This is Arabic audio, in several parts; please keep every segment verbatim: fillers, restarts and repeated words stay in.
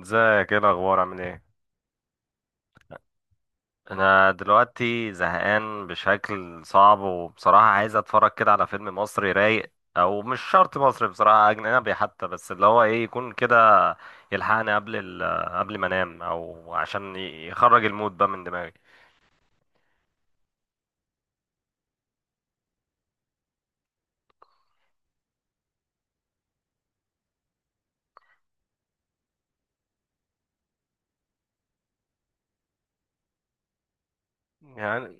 ازيك، ايه الاخبار؟ عامل ايه؟ انا دلوقتي زهقان بشكل صعب، وبصراحه عايز اتفرج كده على فيلم مصري رايق، او مش شرط مصري، بصراحه اجنبي حتى، بس اللي هو ايه، يكون كده يلحقني قبل ال... قبل ما انام، او عشان ي- يخرج المود بقى من دماغي. يعني.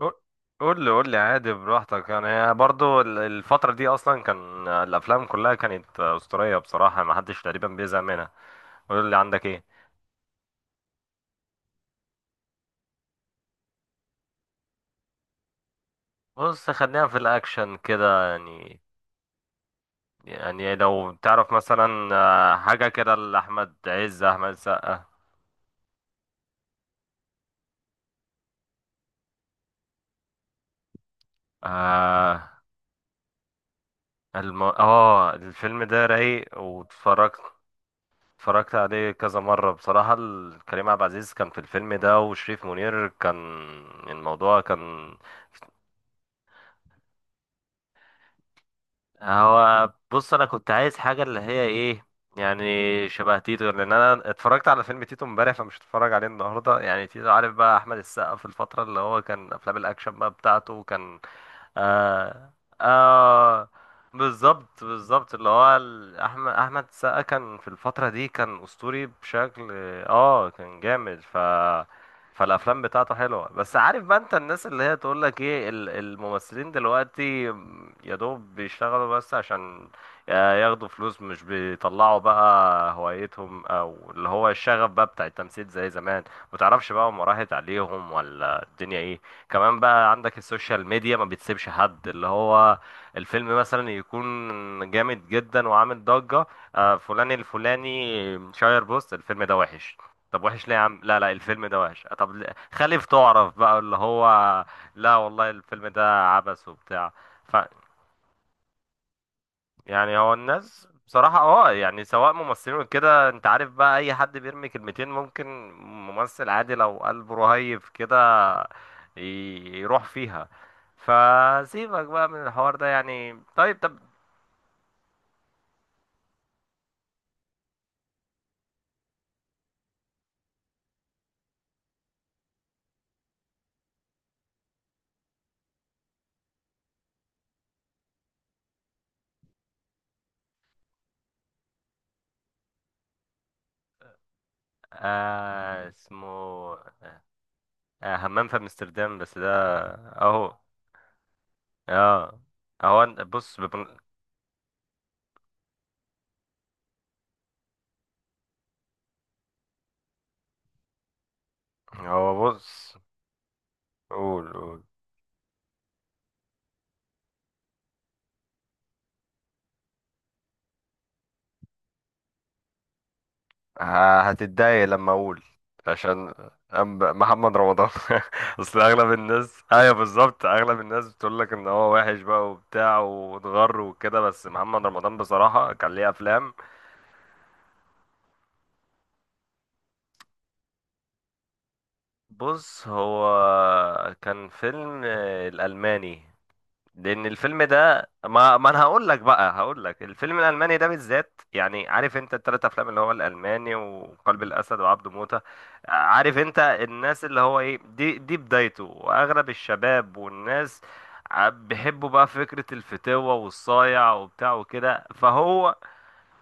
قول، قول لي قول لي عادي براحتك، يعني برضو ال- الفترة دي أصلا كان الأفلام كلها كانت أسطورية، بصراحة محدش تقريبا بيزهق منها. قول لي عندك إيه. بص خلينا في الأكشن كده يعني يعني لو تعرف مثلا آه، حاجة كده لأحمد عز، أحمد السقا. آه، الم... اه الفيلم ده رايق واتفرجت. اتفرجت عليه كذا مرة بصراحة، ال- كريم عبد العزيز كان في الفيلم ده، وشريف منير كان، الموضوع كان. هو بص، انا كنت عايز حاجه اللي هي ايه، يعني شبه تيتو، لان انا اتفرجت على فيلم تيتو امبارح، فمش هتفرج عليه النهارده يعني. تيتو عارف بقى، احمد السقا في الفتره اللي هو كان افلام الاكشن بقى بتاعته كان. آه، آه، بالظبط، بالظبط، اللي هو ال- احمد احمد السقا كان في الفتره دي كان اسطوري بشكل. اه كان جامد ف، فالافلام بتاعته حلوه، بس عارف بقى انت الناس اللي هي تقول لك ايه ال- الممثلين دلوقتي يا دوب بيشتغلوا بس عشان ياخدوا فلوس، مش بيطلعوا بقى هوايتهم او اللي هو الشغف بقى بتاع التمثيل زي زمان. متعرفش بقى هم راحت عليهم ولا الدنيا ايه. كمان بقى عندك السوشيال ميديا ما بتسيبش حد اللي هو، الفيلم مثلا يكون جامد جدا وعامل ضجة، آه، فلان الفلاني شاير بوست الفيلم ده وحش. طب وحش ليه يا عم؟ لا لا، الفيلم ده وحش طب، ل- خليف تعرف بقى اللي هو. لا والله، الفيلم ده عبث وبتاع. ف، يعني هو الناس بصراحة اه يعني، سواء ممثلين وكده، انت عارف بقى اي حد بيرمي كلمتين، ممكن ممثل عادي لو قلبه رهيف كده، ي- يروح فيها. فسيبك بقى من الحوار ده يعني، طيب طب. آه اسمه، آه همام في امستردام، بس ده. اهو. اه. هو أن- بص. هو بص. قول، قول. ه- هتتضايق لما اقول؟ عشان أم- محمد رمضان اصل اغلب الناس، ايوه بالظبط، اغلب الناس بتقول لك ان هو وحش بقى وبتاع واتغر وكده، بس محمد رمضان بصراحة كان ليه افلام. بص هو، كان فيلم الالماني، لان الفيلم ده ما ما انا هقول لك بقى، هقول لك الفيلم الالماني ده بالذات، يعني عارف انت التلات افلام اللي هو الالماني وقلب الاسد وعبده موتة. عارف انت الناس اللي هو ايه، دي دي بدايته، واغلب الشباب والناس ع- بيحبوا بقى فكرة الفتوة والصايع وبتاع وكده فهو.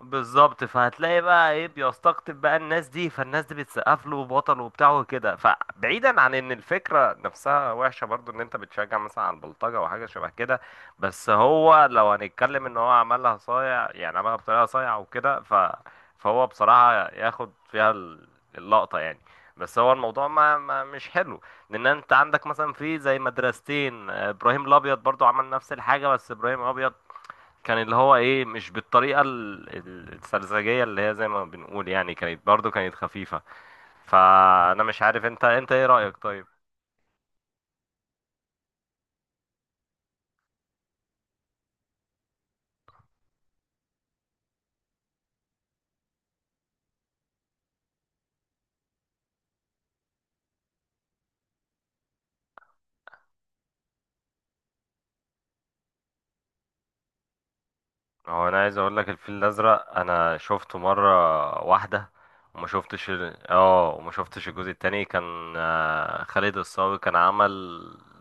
بالظبط، فهتلاقي بقى ايه بيستقطب بقى الناس دي، فالناس دي بتسقف له بطل وبتاع وكده، فبعيدا عن ان الفكره نفسها وحشه برضو، ان انت بتشجع مثلا على البلطجه وحاجه شبه كده، بس هو لو هنتكلم ان هو عملها صايع، يعني عملها بطريقه صايعه وكده ف، فهو بصراحه ياخد فيها ال- اللقطه يعني. بس هو الموضوع ما, ما مش حلو. لان انت عندك مثلا في زي مدرستين، آه، ابراهيم الابيض برضو عمل نفس الحاجه، بس ابراهيم الابيض كان اللي هو ايه مش بالطريقه ال- ال- السرزجيه اللي هي زي ما بنقول يعني، كانت برضو كانت خفيفه. فانا مش عارف انت انت ايه رايك طيب؟ هو انا عايز اقول لك، الفيل الازرق انا شفته مره واحده. وما شفتش ال- اه وما شفتش الجزء التاني، كان آه، خالد الصاوي كان عمل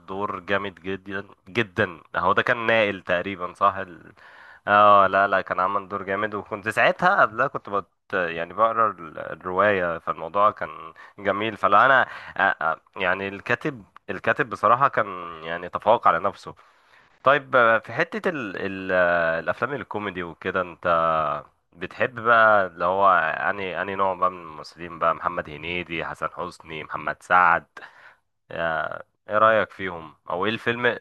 دور جامد جدا جدا. هو ده كان نائل تقريبا صح ال... اه لا لا، كان عمل دور جامد. وكنت ساعتها قبلها كنت بت... يعني بقرا ال- الروايه، فالموضوع كان جميل، فلا انا، آه، آه، يعني الكاتب، الكاتب بصراحه كان، يعني تفوق على نفسه. طيب آه، في حتة ال ال آه، الأفلام الكوميدي وكده، أنت بتحب بقى اللي هو أنهي أنهي نوع بقى من الممثلين بقى، محمد هنيدي، حسن حسني، محمد سعد، آه، إيه رأيك فيهم، أو إيه الفيلم؟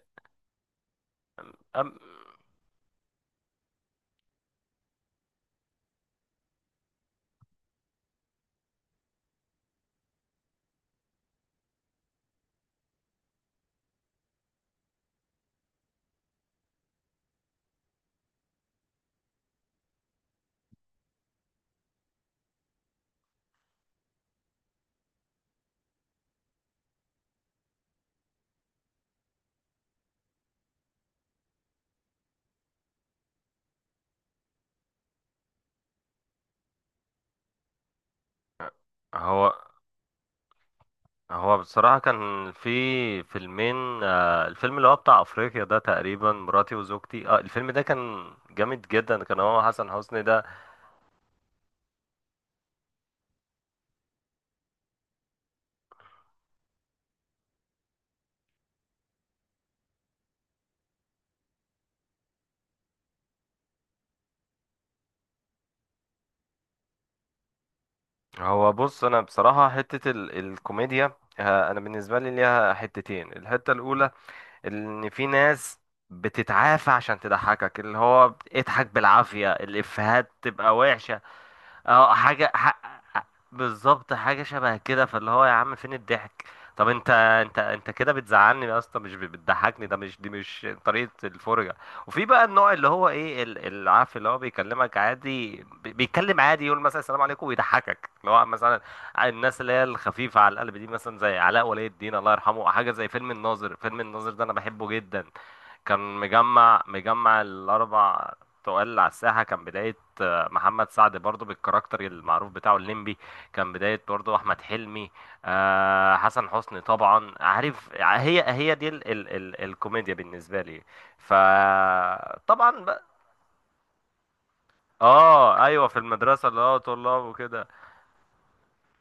أم- هو، هو بصراحة كان في فيلمين، آه، الفيلم اللي هو بتاع أفريقيا ده تقريبا، مراتي وزوجتي، اه الفيلم ده كان جامد جدا، كان هو حسن حسني ده. هو بص، انا بصراحه حته ال الكوميديا، آه، انا بالنسبه لي ليها حتتين. الحته الاولى، ان في ناس بتتعافى عشان تضحكك، اللي هو اضحك بالعافيه، الافيهات تبقى وحشه. اه حاجة ح... بالظبط، حاجة شبه كده، فاللي هو يا عم فين الضحك؟ طب انت انت انت كده بتزعلني اصلا مش بتضحكني، ده مش دي مش طريقة الفرجة. وفي بقى النوع اللي هو ايه، ال- ال- عارف اللي هو بيكلمك عادي، بي- بيتكلم عادي، يقول مثلا السلام عليكم ويضحكك، اللي هو مثلا الناس اللي هي الخفيفة على القلب دي، مثلا زي علاء ولي الدين الله يرحمه، حاجة زي فيلم الناظر، فيلم الناظر ده انا بحبه جدا. كان مجمع مجمع الاربع تقال على الساحة. كان بداية محمد سعد برضو، بالكاركتر المعروف بتاعه الليمبي. كان بداية برضو أحمد حلمي، آه، حسن حسني طبعا. عارف هي هي دي ال ال ال الكوميديا بالنسبة لي، فطبعا بقى. اه ايوه، في المدرسة اللي هو طلاب وكده.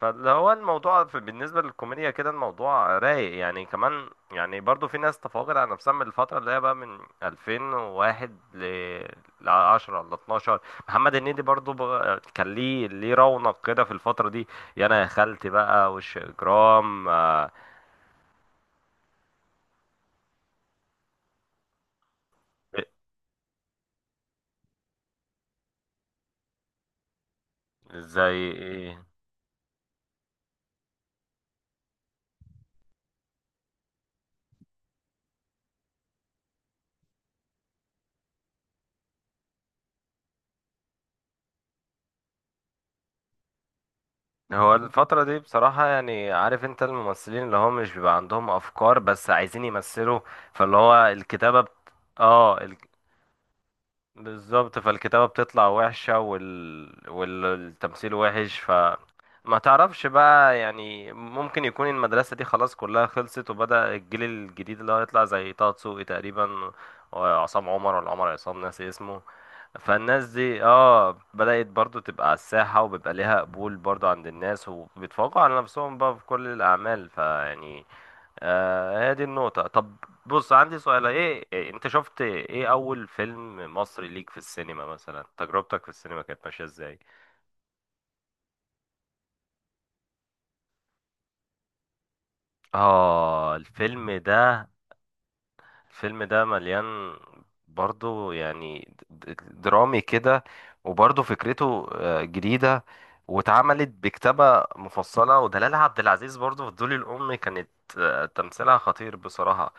فاللي هو الموضوع في بالنسبة للكوميديا كده، الموضوع رايق يعني. كمان يعني برضو في ناس تفاقد على نفسها من الفترة اللي هي بقى من ألفين وواحد ل عشرة ل اتناشر. محمد هنيدي برضو بقى- كان ليه ليه رونق كده في الفترة دي، يا انا يا خالتي بقى وش اجرام، آه. زي ايه؟ هو الفترة دي بصراحة يعني، عارف انت الممثلين اللي هم مش بيبقى عندهم افكار، بس عايزين يمثلوا، فاللي هو الكتابة بت... اه بالظبط، فالكتابة بتطلع وحشة، وال... والتمثيل وحش ف. ما تعرفش بقى يعني، ممكن يكون المدرسة دي خلاص كلها خلصت، وبدأ الجيل الجديد اللي هو يطلع زي طه دسوقي تقريبا، وعصام عمر، ولا عمر عصام، ناسي اسمه. فالناس دي اه بدأت برضو تبقى على الساحة، وبيبقى ليها قبول برضو عند الناس، وبيتفوقوا على نفسهم بقى في كل الأعمال، فيعني آه، هي دي النقطة. طب بص، عندي سؤال، ايه إيه، انت شفت ايه اول فيلم مصري ليك في السينما؟ مثلا تجربتك في السينما كانت ماشية ازاي؟ اه الفيلم ده. الفيلم ده مليان برضو يعني، د- د- درامي كده، وبرضو فكرته آه، جديدة، واتعملت بكتابة مفصلة. ودلال عبد العزيز برضو في الدول الأم كانت آه، تمثيلها خطير بصراحة.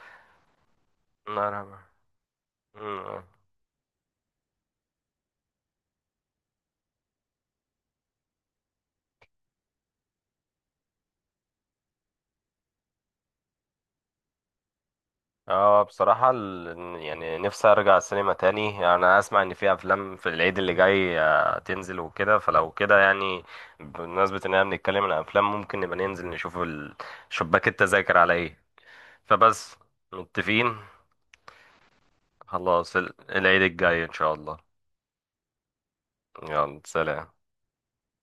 الله يرحمه. اه بصراحة ال- يعني نفسي ارجع السينما تاني. يعني انا اسمع ان في افلام في العيد اللي جاي آه، تنزل وكده، فلو كده يعني بمناسبة ان احنا بنتكلم عن افلام، ممكن نبقى ننزل نشوف ال- شباك التذاكر على ايه. فبس، متفقين. خلاص ال- العيد الجاي ان شاء الله. يلا سلام.